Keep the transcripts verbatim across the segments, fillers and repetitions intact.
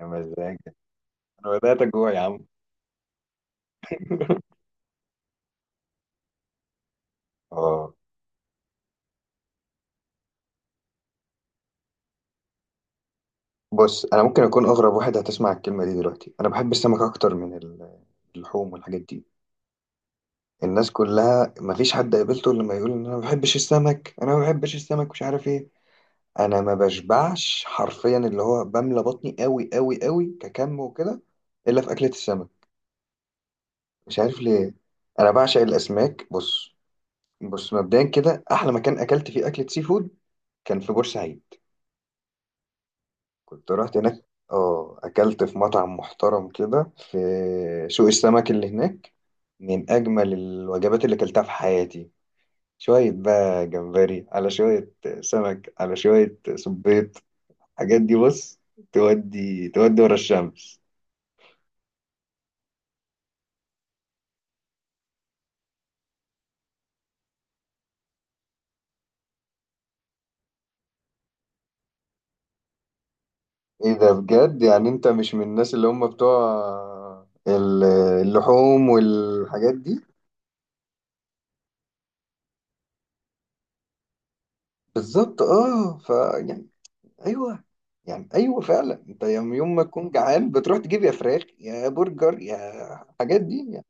يا مزاج، انا بدأت اجوع يا عم. اه، بص انا ممكن اكون اغرب واحد هتسمع الكلمه دي دلوقتي. انا بحب السمك اكتر من ال- اللحوم والحاجات دي. الناس كلها مفيش حد قابلته الا لما يقول ان انا ما بحبش السمك، انا ما بحبش السمك، مش عارف ايه. انا ما بشبعش حرفيا، اللي هو بملى بطني قوي قوي قوي ككم وكده، الا في اكله السمك. مش عارف ليه. انا بعشق الاسماك، بص بص مبدئيا كده احلى مكان اكلت فيه اكله سي فود كان في بورسعيد. كنت رحت هناك، اه، اكلت في مطعم محترم كده في سوق السمك اللي هناك. من اجمل الوجبات اللي اكلتها في حياتي، شوية بقى جمبري على شوية سمك على شوية صبيط، الحاجات دي بص. تودي تودي ورا الشمس. ايه ده؟ بجد يعني انت مش من الناس اللي هم بتوع ال- اللحوم والحاجات دي؟ بالظبط، اه، ف يعني ايوه، يعني ايوه فعلا انت يوم يوم ما تكون جعان بتروح تجيب يا فراخ يا برجر يا الحاجات دي يعني.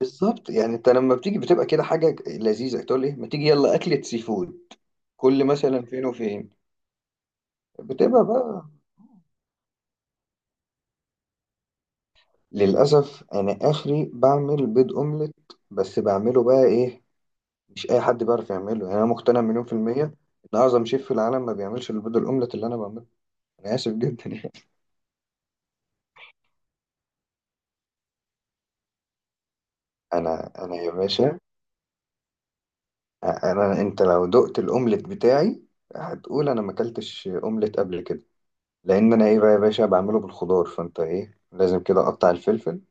بالظبط، يعني انت لما بتيجي بتبقى كده حاجه لذيذه تقول ايه ما تيجي يلا اكله سي فود، كل مثلا فين وفين. بتبقى بقى. للاسف، انا اخري بعمل بيض اومليت. بس بعمله بقى ايه، مش اي حد بيعرف يعمله يعني. انا مقتنع مليون في الميه ان اعظم شيف في العالم ما بيعملش البيض الاومليت اللي انا بعمله. انا اسف جدا يعني. انا انا يا باشا، انا انت لو دقت الاومليت بتاعي هتقول انا ما اكلتش اومليت قبل كده. لان انا ايه بقى يا باشا، بعمله بالخضار. فانت ايه لازم كده، اقطع الفلفل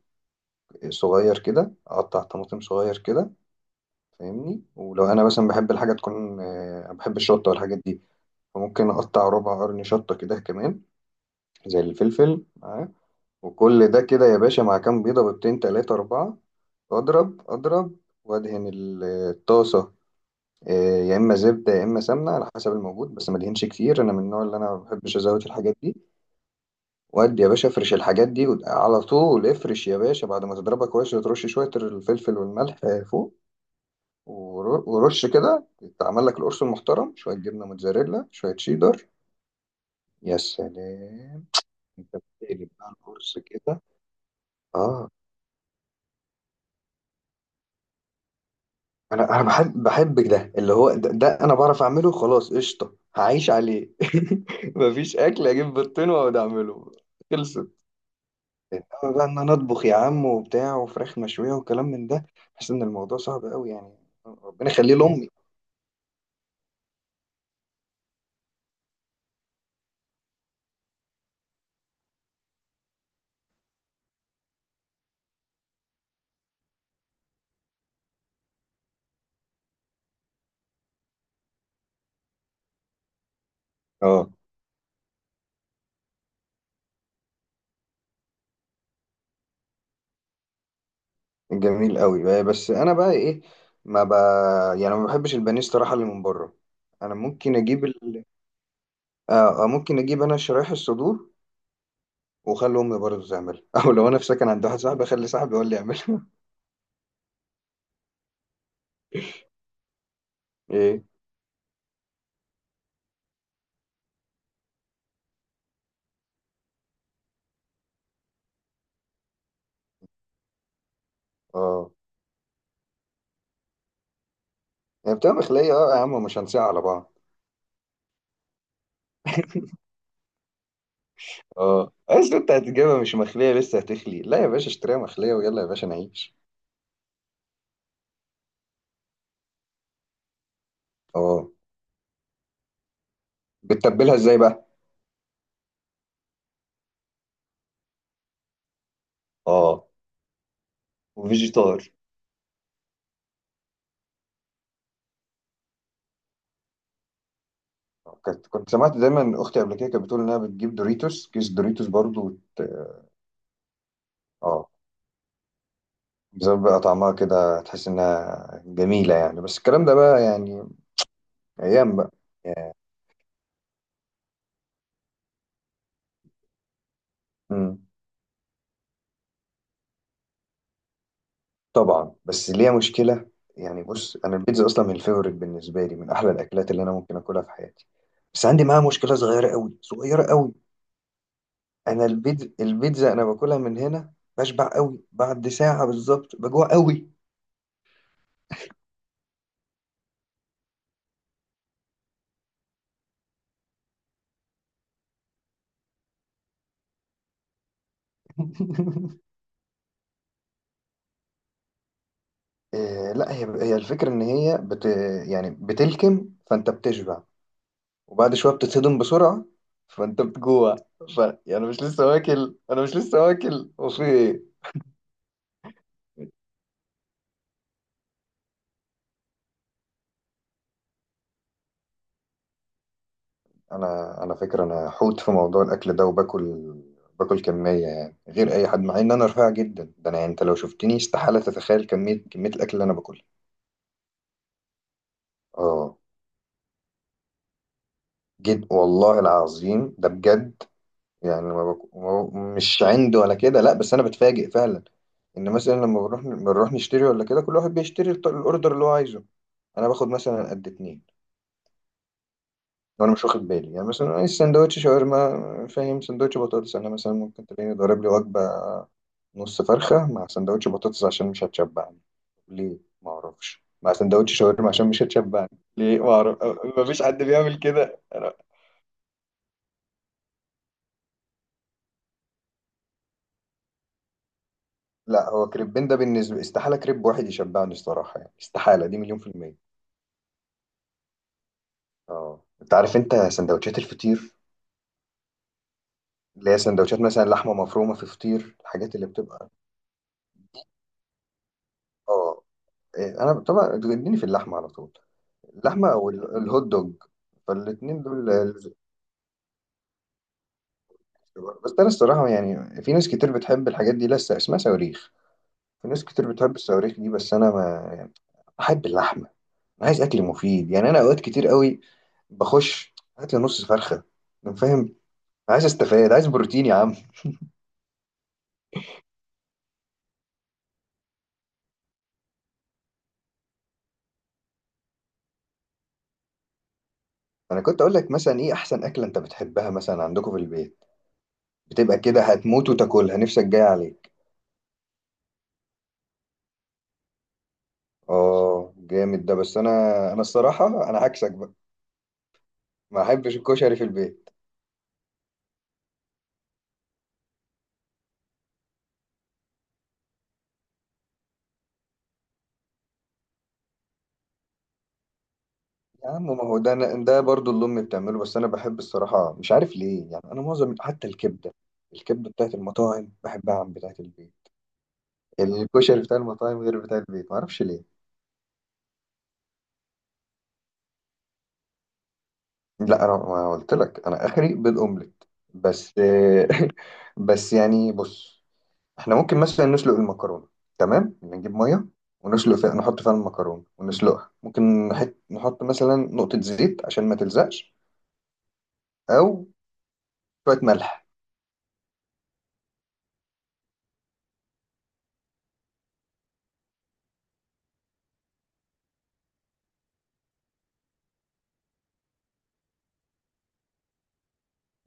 صغير كده، اقطع طماطم صغير كده. فاهمني، ولو انا مثلا بحب الحاجه تكون، آه، بحب الشطه والحاجات دي، فممكن اقطع ربع قرن شطه كده كمان زي الفلفل معاه. وكل ده كده يا باشا مع كام بيضه، بيضتين تلاتة اربعة، اضرب اضرب وادهن الطاسه، آه، يا اما زبده يا اما سمنه على حسب الموجود، بس ما ادهنش كتير، انا من النوع اللي انا ما بحبش ازود الحاجات دي. وادي يا باشا افرش الحاجات دي وت- على طول افرش يا باشا بعد ما تضربها كويس، وترش شويه الفلفل والملح آه، فوق. ور- ورش كده، تعمل لك القرص المحترم، شويه جبنه موتزاريلا شويه شيدر، يا سلام. انت بتقلب بقى القرص كده. اه، انا انا بحب بحب ده اللي هو ده، ده انا بعرف اعمله خلاص، قشطه هعيش عليه. مفيش اكل اجيب بطين واقعد اعمله، خلصت. إنما بقى إن أنا أطبخ يا عم وبتاع وفراخ مشوية وكلام من ده، بحس إن الموضوع صعب أوي يعني. ربنا يخليه لأمي. اه، جميل أوي بقى- بس أنا بقى إيه، ما ب... يعني ما بحبش البانيه الصراحة اللي من بره. أنا ممكن أجيب ال... آه آه، ممكن أجيب أنا شرايح الصدور وأخلي أمي برضه تعملها. أو لو أنا في سكن عند واحد صاحبي أخلي صاحبي هو اللي يعملها. إيه، اه، هي بتبقى مخلية، اه يا عم، ومش هنساها على بعض. اه، اصل انت هتجيبها مش مخليه لسه هتخلي؟ لا يا باشا اشتريها مخليه ويلا يا باشا نعيش. اه، بتتبلها ازاي بقى؟ اه، وفيجيتار. كنت كنت سمعت دايما اختي قبل كده كانت بتقول انها بتجيب دوريتوس، كيس دوريتوس برضو وت... اه، بسبب بقى طعمها كده تحس انها جميله يعني، بس الكلام ده بقى يعني، ايام بقى. امم طبعا، بس ليها مشكله. يعني بص، انا البيتزا اصلا من الفيفوريت بالنسبه لي، من احلى الاكلات اللي انا ممكن اكلها في حياتي. بس عندي معاها مشكله صغيره قوي صغيره قوي. انا البيتزا البيتزا انا باكلها من هنا بشبع قوي، بعد ساعه بالظبط بجوع قوي. إيه، لا، هي هي الفكرة إن هي بت يعني بتلكم فأنت بتشبع، وبعد شوية بتتصدم بسرعة، فأنت بتجوع. ف يعني أنا مش لسه واكل، أنا مش لسه واكل وفي إيه؟ أنا أنا فكرة، أنا حوت في موضوع الأكل ده، وباكل باكل كمية يعني غير أي حد، مع إن أنا رفيع جدا، ده أنا يعني أنت لو شفتني استحالة تتخيل كمية كمية الأكل اللي أنا باكلها. آه، جد والله العظيم ده بجد. يعني ما بك... ما ب... مش عند ولا كده، لا، بس انا بتفاجئ فعلا، ان مثلا لما بنروح بنروح نشتري ولا كده، كل واحد بيشتري الط- الاوردر اللي هو عايزه. انا باخد مثلا قد اتنين، وانا مش واخد بالي. يعني مثلا عايز سندوتش شاورما فاهم، سندوتش بطاطس، انا مثلا ممكن تلاقيني ضارب لي وجبه، نص فرخه مع سندوتش بطاطس عشان مش هتشبعني. ليه؟ ما اعرفش. مع سندوتش شاورما عشان مش هتشبعني. ليه؟ ما اعرف. ما فيش حد بيعمل كده. أنا... لا، هو كريبين ده بالنسبه، استحاله كريب واحد يشبعني الصراحه يعني، استحاله دي مليون في المية. اه، انت عارف انت سندوتشات الفطير؟ اللي هي سندوتشات مثلا لحمه مفرومه في فطير، الحاجات اللي بتبقى. اه، إيه، انا طبعا بتجنني في اللحمه على طول. اللحمه او ال- الهوت دوج، فالاتنين دول لازم. بس انا الصراحه يعني في ناس كتير بتحب الحاجات دي، لسه اسمها صواريخ. في ناس كتير بتحب الصواريخ دي، بس انا ما يعني، بحب اللحمه. انا عايز اكل مفيد يعني، انا اوقات كتير قوي بخش هات لي نص فرخه، فاهم، عايز استفاد، عايز بروتين يا عم. انا كنت اقول لك مثلا، ايه احسن اكله انت بتحبها مثلا عندكم في البيت، بتبقى كده هتموت وتاكلها نفسك جاي عليك؟ اه، جامد ده، بس انا انا الصراحه انا عكسك بقى، ما احبش الكشري في البيت. يا عم، ما هو ده أنا، ده برضو اللي امي بتعمله، بس انا بحب الصراحه مش عارف ليه. يعني انا معظم حتى الكبده، الكبده بتاعت المطاعم بحبها عن بتاعت البيت. الكشري بتاع المطاعم غير بتاع البيت، ما اعرفش ليه. لا، انا ما قلت لك انا اخري بالاومليت؟ بس بس يعني بص، احنا ممكن مثلا نسلق المكرونه، تمام، نجيب ميه ونسلق فيها، نحط فيها المكرونه ونسلقها، ممكن نحط نحط مثلا نقطه زيت عشان ما تلزقش، او شويه ملح.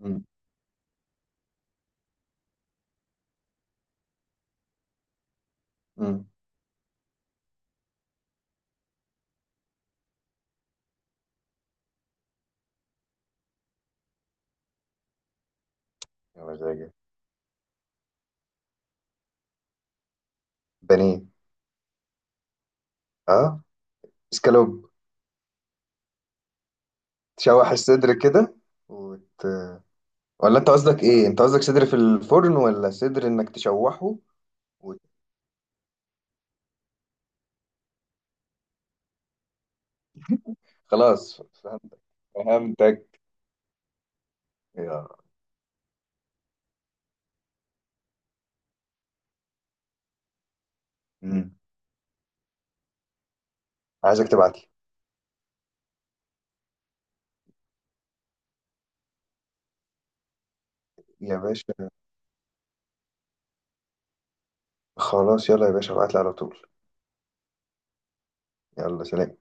امم امم يا مزاجي، بانيه، اه، اسكالوب. تشوح الصدر كده وت... ولا انت قصدك ايه؟ انت قصدك صدر في الفرن ولا صدر انك تشوحه؟ وت... خلاص فهم- فهمتك. يا مم. عايزك تبعتلي يا باشا. خلاص يلا يا باشا ابعتلي على طول. يلا، سلام.